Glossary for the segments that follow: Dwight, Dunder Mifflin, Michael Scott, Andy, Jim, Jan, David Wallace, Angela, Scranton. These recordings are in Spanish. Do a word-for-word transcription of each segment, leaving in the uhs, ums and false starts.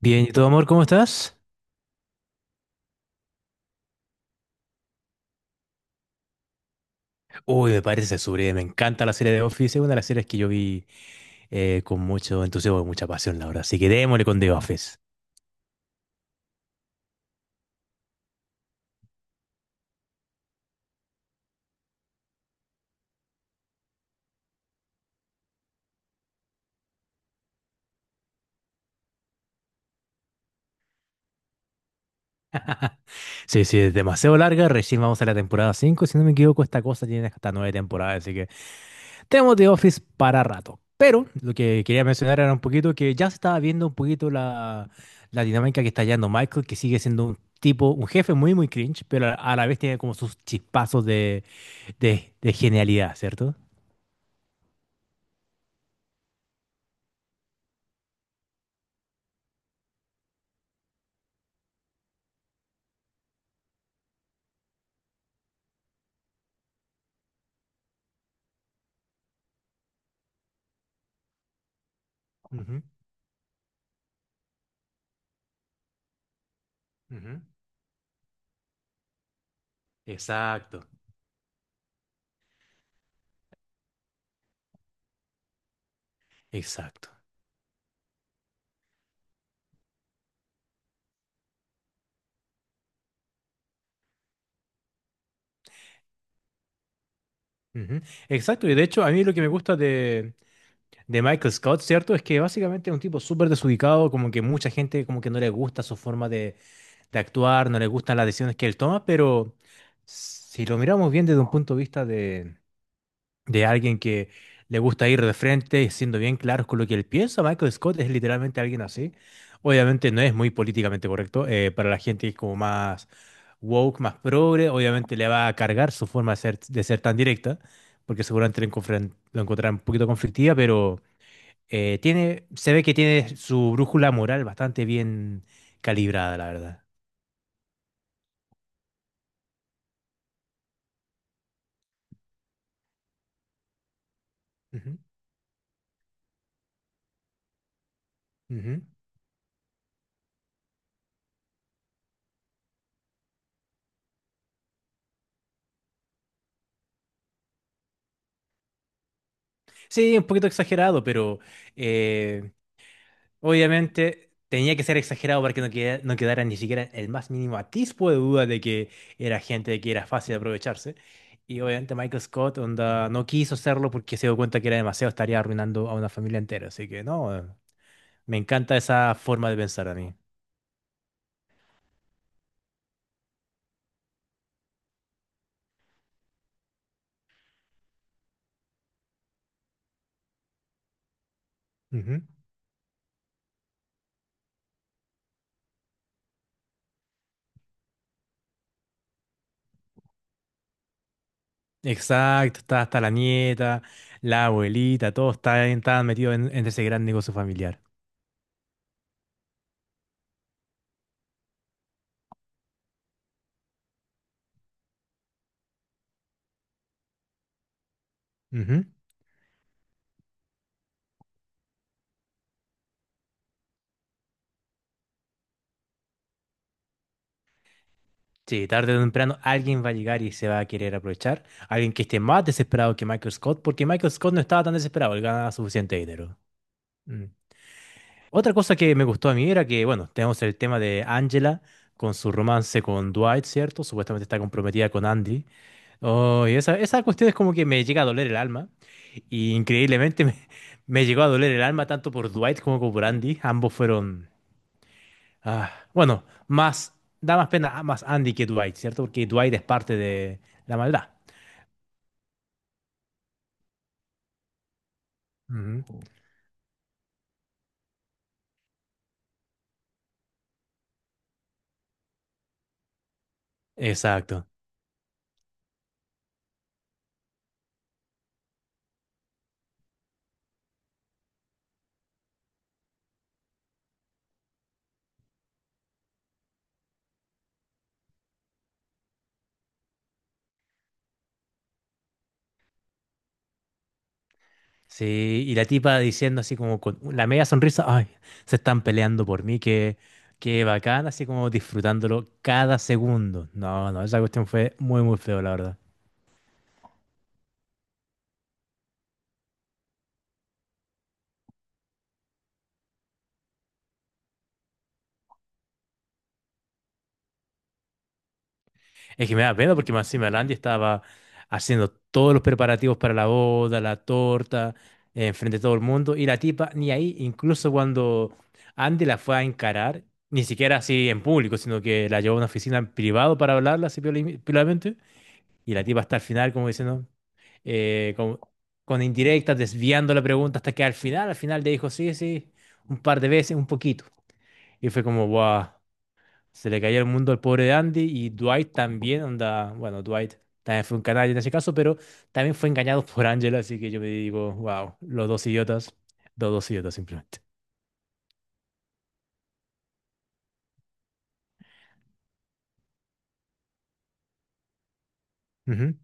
Bien, ¿y tú, amor, cómo estás? Uy, me parece sublime, me encanta la serie de Office, es una de las series que yo vi eh, con mucho entusiasmo y mucha pasión, la verdad. Así que démosle con The Office. Sí, sí, es demasiado larga, recién vamos a la temporada cinco, si no me equivoco, esta cosa tiene hasta nueve temporadas, así que tenemos The Office para rato. Pero lo que quería mencionar era un poquito que ya se estaba viendo un poquito la, la dinámica que está hallando Michael, que sigue siendo un tipo, un jefe muy, muy cringe, pero a la vez tiene como sus chispazos de, de de genialidad, ¿cierto? Ujú, ujú. Exacto, exacto. Ujú. Exacto, y de hecho a mí lo que me gusta de, de Michael Scott, ¿cierto? Es que básicamente es un tipo súper desubicado, como que mucha gente como que no le gusta su forma de, de actuar, no le gustan las decisiones que él toma, pero si lo miramos bien desde un punto de vista de, de alguien que le gusta ir de frente, y siendo bien claros con lo que él piensa, Michael Scott es literalmente alguien así. Obviamente no es muy políticamente correcto, eh, para la gente que es como más woke, más progre, obviamente le va a cargar su forma de ser, de ser tan directa, porque seguramente lo enconfren- lo encontrarán un poquito conflictiva, pero... Eh, tiene, se ve que tiene su brújula moral bastante bien calibrada, la verdad. Ujú, ujú. Sí, un poquito exagerado, pero eh, obviamente tenía que ser exagerado para que no queda- no quedara ni siquiera el más mínimo atisbo de duda de que era gente que era fácil de aprovecharse. Y obviamente Michael Scott onda, no quiso hacerlo porque se dio cuenta que era demasiado, estaría arruinando a una familia entera. Así que no, me encanta esa forma de pensar a mí. Exacto, está hasta la nieta, la abuelita, todos están, estaban metidos en, en ese gran negocio familiar. Ujú. Sí, tarde o temprano alguien va a llegar y se va a querer aprovechar. Alguien que esté más desesperado que Michael Scott, porque Michael Scott no estaba tan desesperado, él ganaba suficiente dinero. Mm. Otra cosa que me gustó a mí era que, bueno, tenemos el tema de Angela con su romance con Dwight, ¿cierto? Supuestamente está comprometida con Andy. Oh, y esa, esa cuestión es como que me llega a doler el alma. Y increíblemente me, me llegó a doler el alma tanto por Dwight como por Andy. Ambos fueron... ah, bueno, más... Da más pena a- más Andy que Dwight, ¿cierto? Porque Dwight es parte de la maldad. Ujú. Exacto. Sí, y la tipa diciendo así como con la media sonrisa, ay, se están peleando por mí, qué, qué bacán, así como disfrutándolo cada segundo. No, no, esa cuestión fue muy, muy feo, la verdad. Es que me da pena porque más encima el estaba haciendo todos los preparativos para la boda, la torta, eh, enfrente de todo el mundo, y la tipa ni ahí, incluso cuando Andy la fue a encarar, ni siquiera así en público, sino que la llevó a una oficina en privado para hablarla así pioli- piolamente, y la tipa hasta el final como diciendo, eh, como- con indirectas, desviando la pregunta hasta que al final, al final le dijo, sí, sí, un par de veces, un poquito. Y fue como, wow, se le caía el mundo al pobre de Andy y Dwight también, onda, bueno, Dwight también fue un canalla en ese caso, pero también fue engañado por Angela, así que yo me digo, wow, los dos idiotas, los dos idiotas simplemente. Ujú,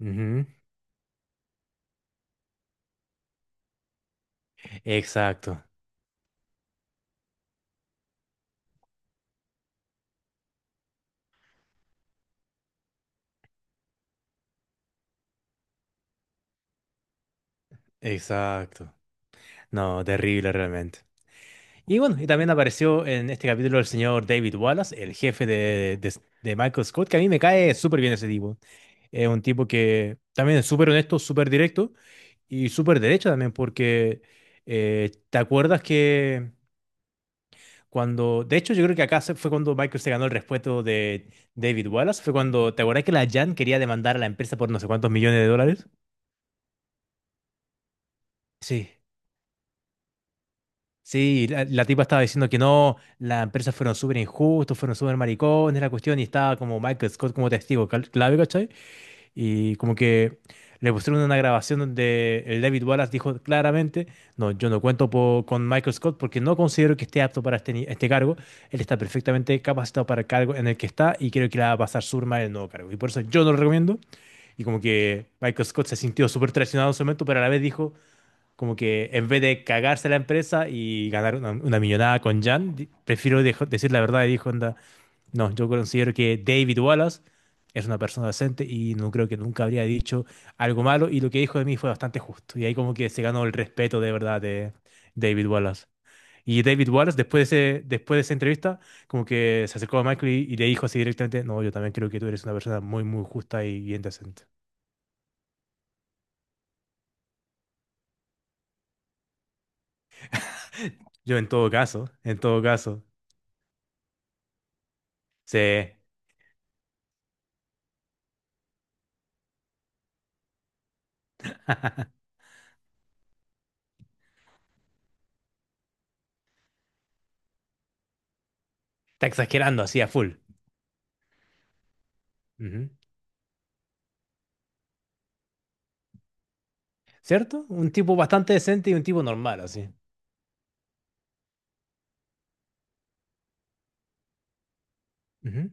ujú. Exacto, exacto. No, terrible realmente. Y bueno, y también apareció en este capítulo el señor David Wallace, el jefe de, de, de Michael Scott, que a mí me cae súper bien ese tipo. Es un tipo que también es súper honesto, súper directo. Y súper derecha también, porque eh, te acuerdas que cuando, de hecho yo creo que acá se- fue cuando Michael se ganó el respeto de David Wallace, fue cuando, ¿te acuerdas que la Jan quería demandar a la empresa por no sé cuántos millones de dólares? Sí, sí, la, la tipa estaba diciendo que no, las empresas fueron súper injustos, fueron súper maricones, la cuestión, y estaba como Michael Scott como testigo cal- clave, ¿cachai? Y como que le pusieron una grabación donde el David Wallace dijo claramente, no, yo no cuento po- con Michael Scott porque no considero que esté apto para este, ni- este cargo. Él está perfectamente capacitado para el cargo en el que está y creo que le va a pasar surma en el nuevo cargo. Y por eso yo no lo recomiendo. Y como que Michael Scott se sintió súper traicionado en su momento, pero a la vez dijo como que en vez de cagarse la empresa y ganar una, una millonada con Jan, di- prefiero dejo- decir la verdad y dijo, onda, no, yo considero que David Wallace es una persona decente y no creo que nunca habría dicho algo malo y lo que dijo de mí fue bastante justo. Y ahí como que se ganó el respeto de verdad de David Wallace. Y David Wallace, después de, ese- después de esa entrevista, como que se acercó a Michael y, y le dijo así directamente, no, yo también creo que tú eres una persona muy, muy justa y bien decente. Yo en todo caso, en todo caso, se está exagerando así a full. Ujú. ¿Cierto? Un tipo bastante decente y un tipo normal así. Ujú.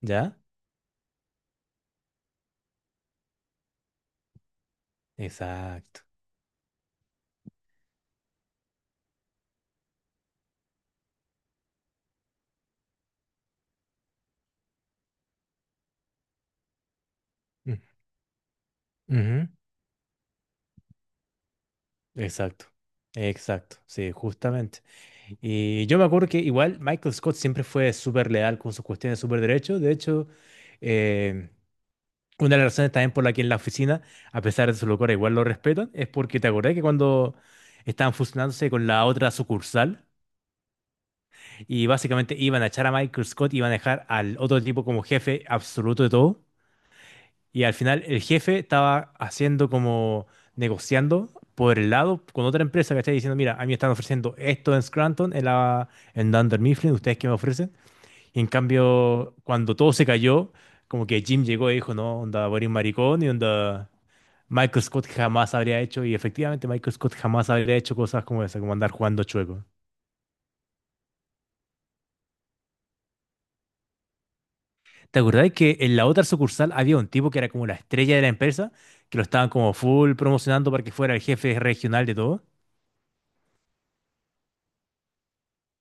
¿Ya? Exacto. Ujú, exacto, exacto, sí, justamente. Y yo me acuerdo que igual Michael Scott siempre fue súper leal con sus cuestiones súper derechos. De hecho, eh, una de las razones también por la que en la oficina, a pesar de su locura, igual lo respetan, es porque te acordás que cuando estaban fusionándose con la otra sucursal y básicamente iban a echar a Michael Scott, iban a dejar al otro tipo como jefe absoluto de todo. Y al final el jefe estaba haciendo como negociando por el lado con otra empresa, ¿cachai? Diciendo, mira, a mí me están ofreciendo esto en Scranton, en, la, en Dunder Mifflin, ¿ustedes qué me ofrecen? Y en cambio, cuando todo se cayó, como que Jim llegó y dijo, no, onda, Boris maricón y onda, Michael Scott jamás habría hecho, y efectivamente Michael Scott jamás habría hecho cosas como esa, como andar jugando chueco. ¿Te acordás que en la otra sucursal había un tipo que era como la estrella de la empresa, que lo estaban como full promocionando para que fuera el jefe regional de todo?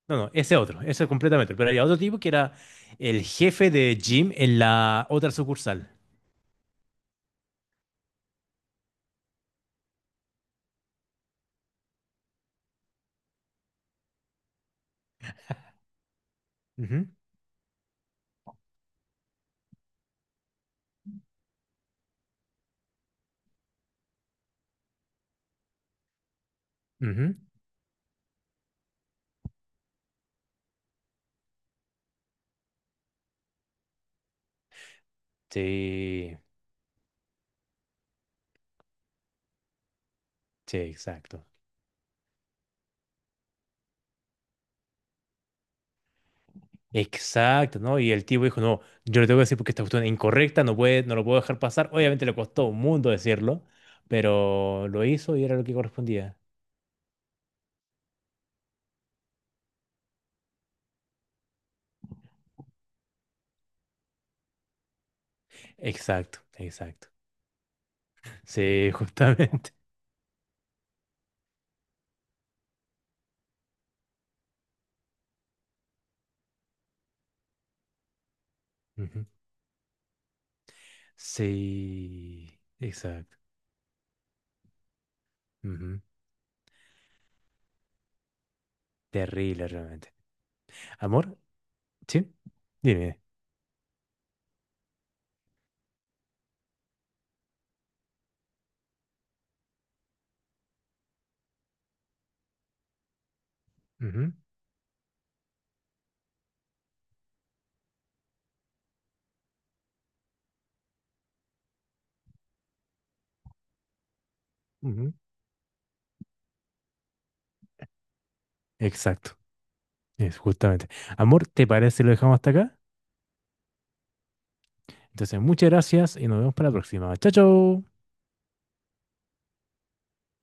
No, no, ese otro, ese completamente. Pero había otro tipo que era el jefe de Jim en la otra sucursal. Ujú, ujú. Sí, sí, exacto. Exacto, ¿no? Y el tipo dijo, no, yo le tengo que decir porque esta cuestión es incorrecta, no puede, no lo puedo dejar pasar. Obviamente le costó un mundo decirlo, pero lo hizo y era lo que correspondía. Exacto, exacto. Sí, justamente. Ujú. Sí, exacto. Ujú. Terrible realmente. Amor, ¿sí? Dime. Ujú, exacto, es justamente. Amor, ¿te parece si lo dejamos hasta acá? Entonces, muchas gracias y nos vemos para la próxima. Chao, chao.